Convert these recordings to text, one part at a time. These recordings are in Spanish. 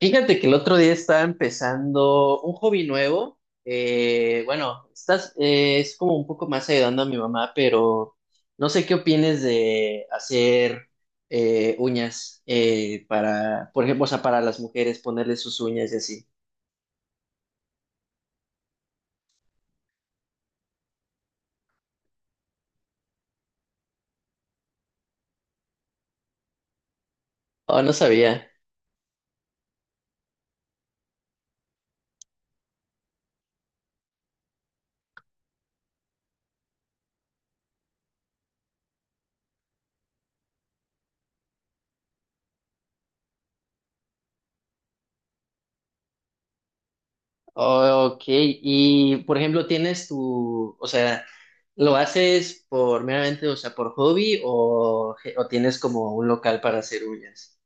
Fíjate que el otro día estaba empezando un hobby nuevo. Bueno, estás, es como un poco más ayudando a mi mamá, pero no sé qué opines de hacer uñas para, por ejemplo, o sea, para las mujeres, ponerle sus uñas y así. Oh, no sabía. Oh, ok. Y, por ejemplo, tienes tu, o sea, ¿lo haces por meramente, o sea, por hobby o tienes como un local para hacer uñas?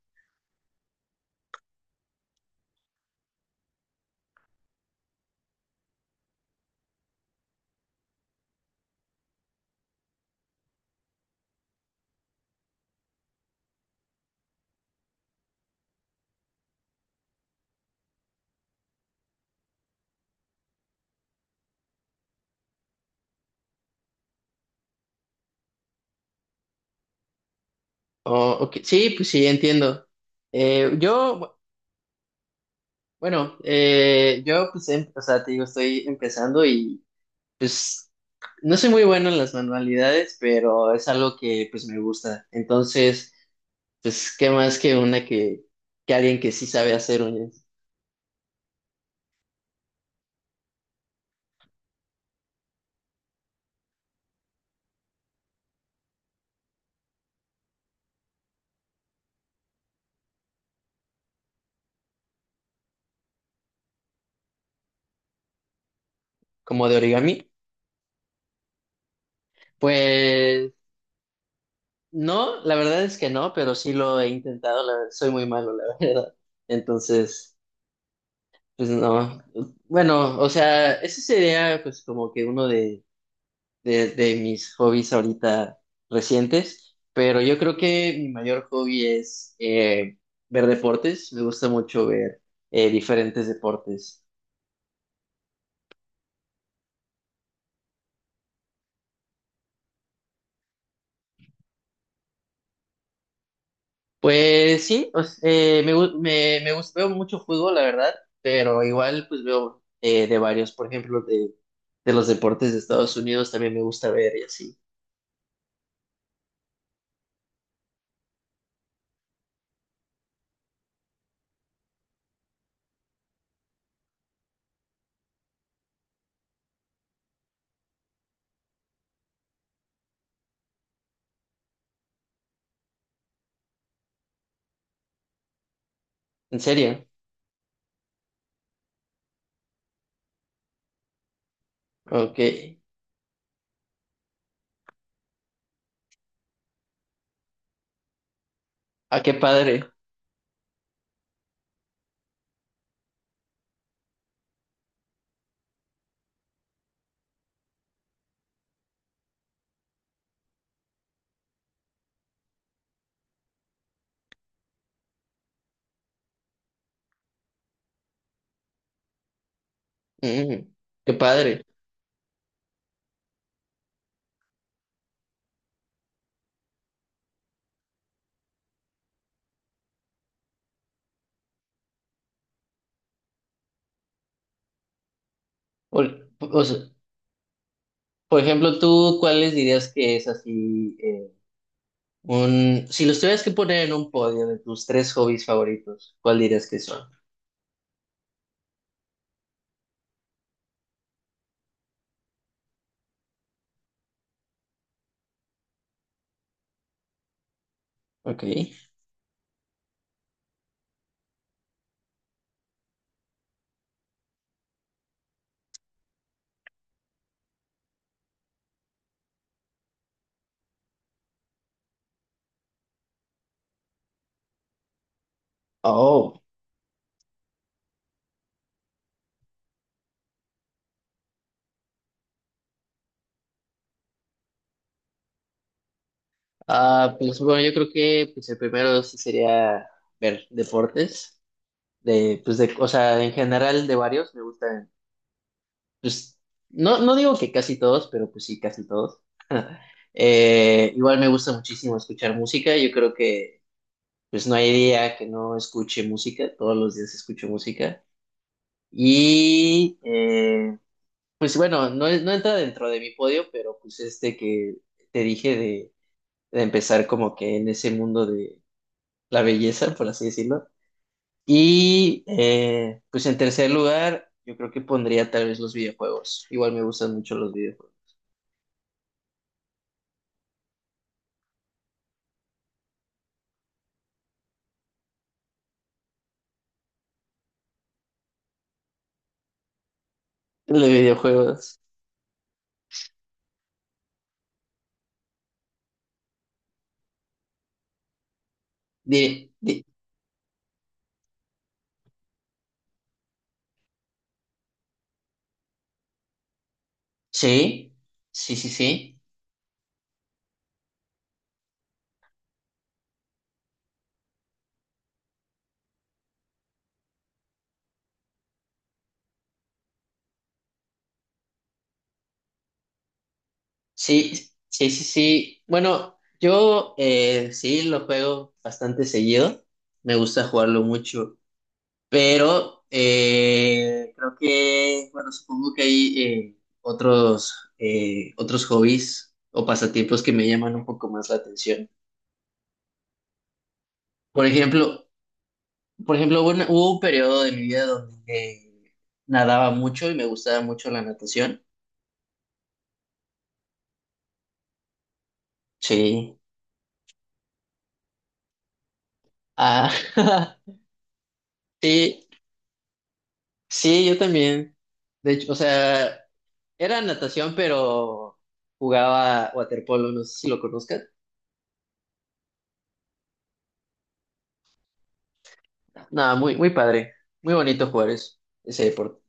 Oh, ok. Sí, pues sí, entiendo. Eh, yo, bu- bueno, yo pues, o sea, te digo, estoy empezando y pues no soy muy bueno en las manualidades, pero es algo que pues me gusta. Entonces, pues, ¿qué más que una que alguien que sí sabe hacer un, como de origami? Pues no, la verdad es que no, pero sí lo he intentado, soy muy malo, la verdad. Entonces, pues no. Bueno, o sea, ese sería pues como que uno de mis hobbies ahorita recientes, pero yo creo que mi mayor hobby es ver deportes, me gusta mucho ver diferentes deportes. Pues sí, me gusta, veo mucho fútbol, la verdad, pero igual pues veo de varios, por ejemplo, de los deportes de Estados Unidos también me gusta ver y así. ¿En serio? Ok. Ah, qué padre. Mm, qué padre. Por, o sea, por ejemplo, ¿tú cuáles dirías que es así? Un, si los tuvieras que poner en un podio de tus tres hobbies favoritos, ¿cuál dirías que son? Ok. Oh. Ah, pues bueno, yo creo que pues el primero sí sería ver deportes. De, pues de, o sea, en general de varios me gustan. Pues, no, no digo que casi todos, pero pues sí, casi todos. Igual me gusta muchísimo escuchar música. Yo creo que pues no hay día que no escuche música. Todos los días escucho música. Y pues bueno, no, no entra dentro de mi podio, pero pues este que te dije de empezar como que en ese mundo de la belleza, por así decirlo. Y pues en tercer lugar, yo creo que pondría tal vez los videojuegos. Igual me gustan mucho los videojuegos. Los videojuegos. Di- di- sí, sí, sí, sí. Sí, sí, sí, sí. Bueno, yo sí lo juego bastante seguido. Me gusta jugarlo mucho. Pero creo que, bueno, supongo que hay otros, otros hobbies o pasatiempos que me llaman un poco más la atención. Por ejemplo, por ejemplo, hubo un periodo de mi vida donde nadaba mucho y me gustaba mucho la natación. Sí. Ah, sí, sí, yo también. De hecho, o sea, era natación, pero jugaba waterpolo, no sé si lo conozcas. Nada, muy, muy padre. Muy bonito jugar ese deporte.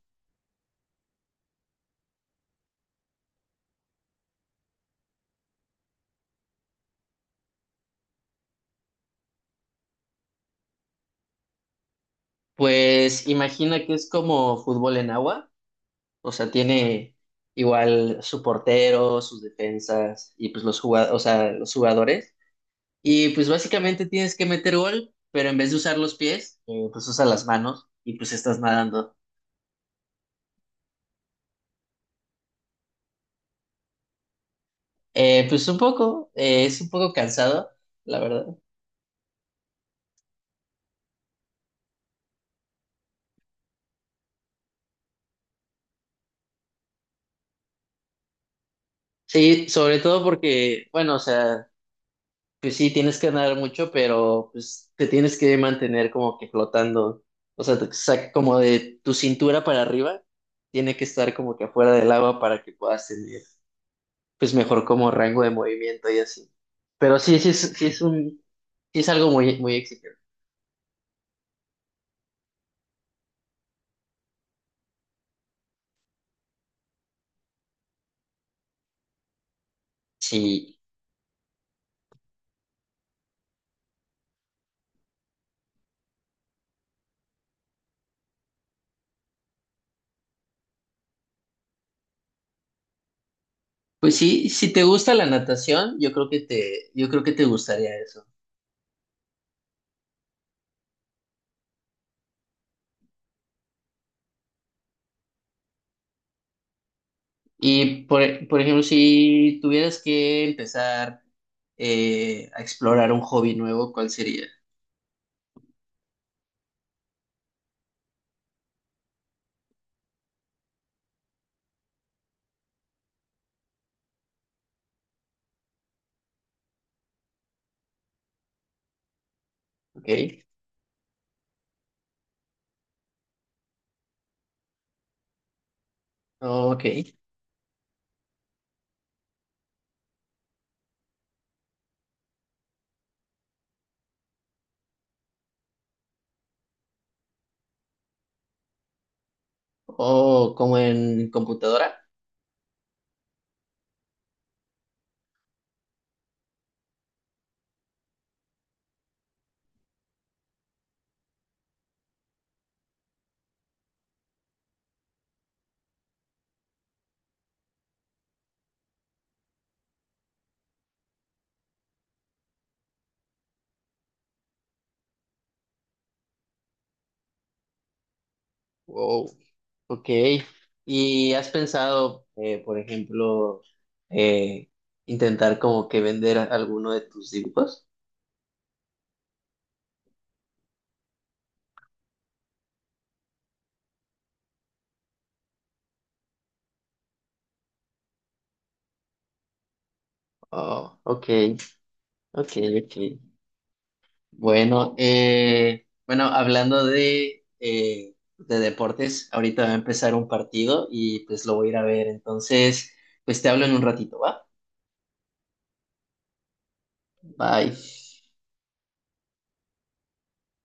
Pues imagina que es como fútbol en agua. O sea, tiene igual su portero, sus defensas y pues los jugadores, o sea, los jugadores. Y pues básicamente tienes que meter gol, pero en vez de usar los pies, pues usa las manos y pues estás nadando. Pues un poco, es un poco cansado, la verdad. Sí, sobre todo porque, bueno, o sea, pues sí, tienes que ganar mucho, pero pues te tienes que mantener como que flotando. O sea, como de tu cintura para arriba, tiene que estar como que afuera del agua para que puedas tener pues mejor como rango de movimiento y así. Pero sí, sí es un, sí es algo muy, muy exigente. Sí, pues sí, si te gusta la natación, yo creo que te, yo creo que te gustaría eso. Y por, por ejemplo, si tuvieras que empezar a explorar un hobby nuevo, ¿cuál sería? Ok, ok. O como en computadora. Wow. Ok. ¿Y has pensado, por ejemplo, eh, intentar como que vender alguno de tus dibujos? Oh, ok. Ok, ok. Bueno, bueno, hablando de deportes, ahorita va a empezar un partido y pues lo voy a ir a ver. Entonces, pues te hablo en un ratito, ¿va? Bye.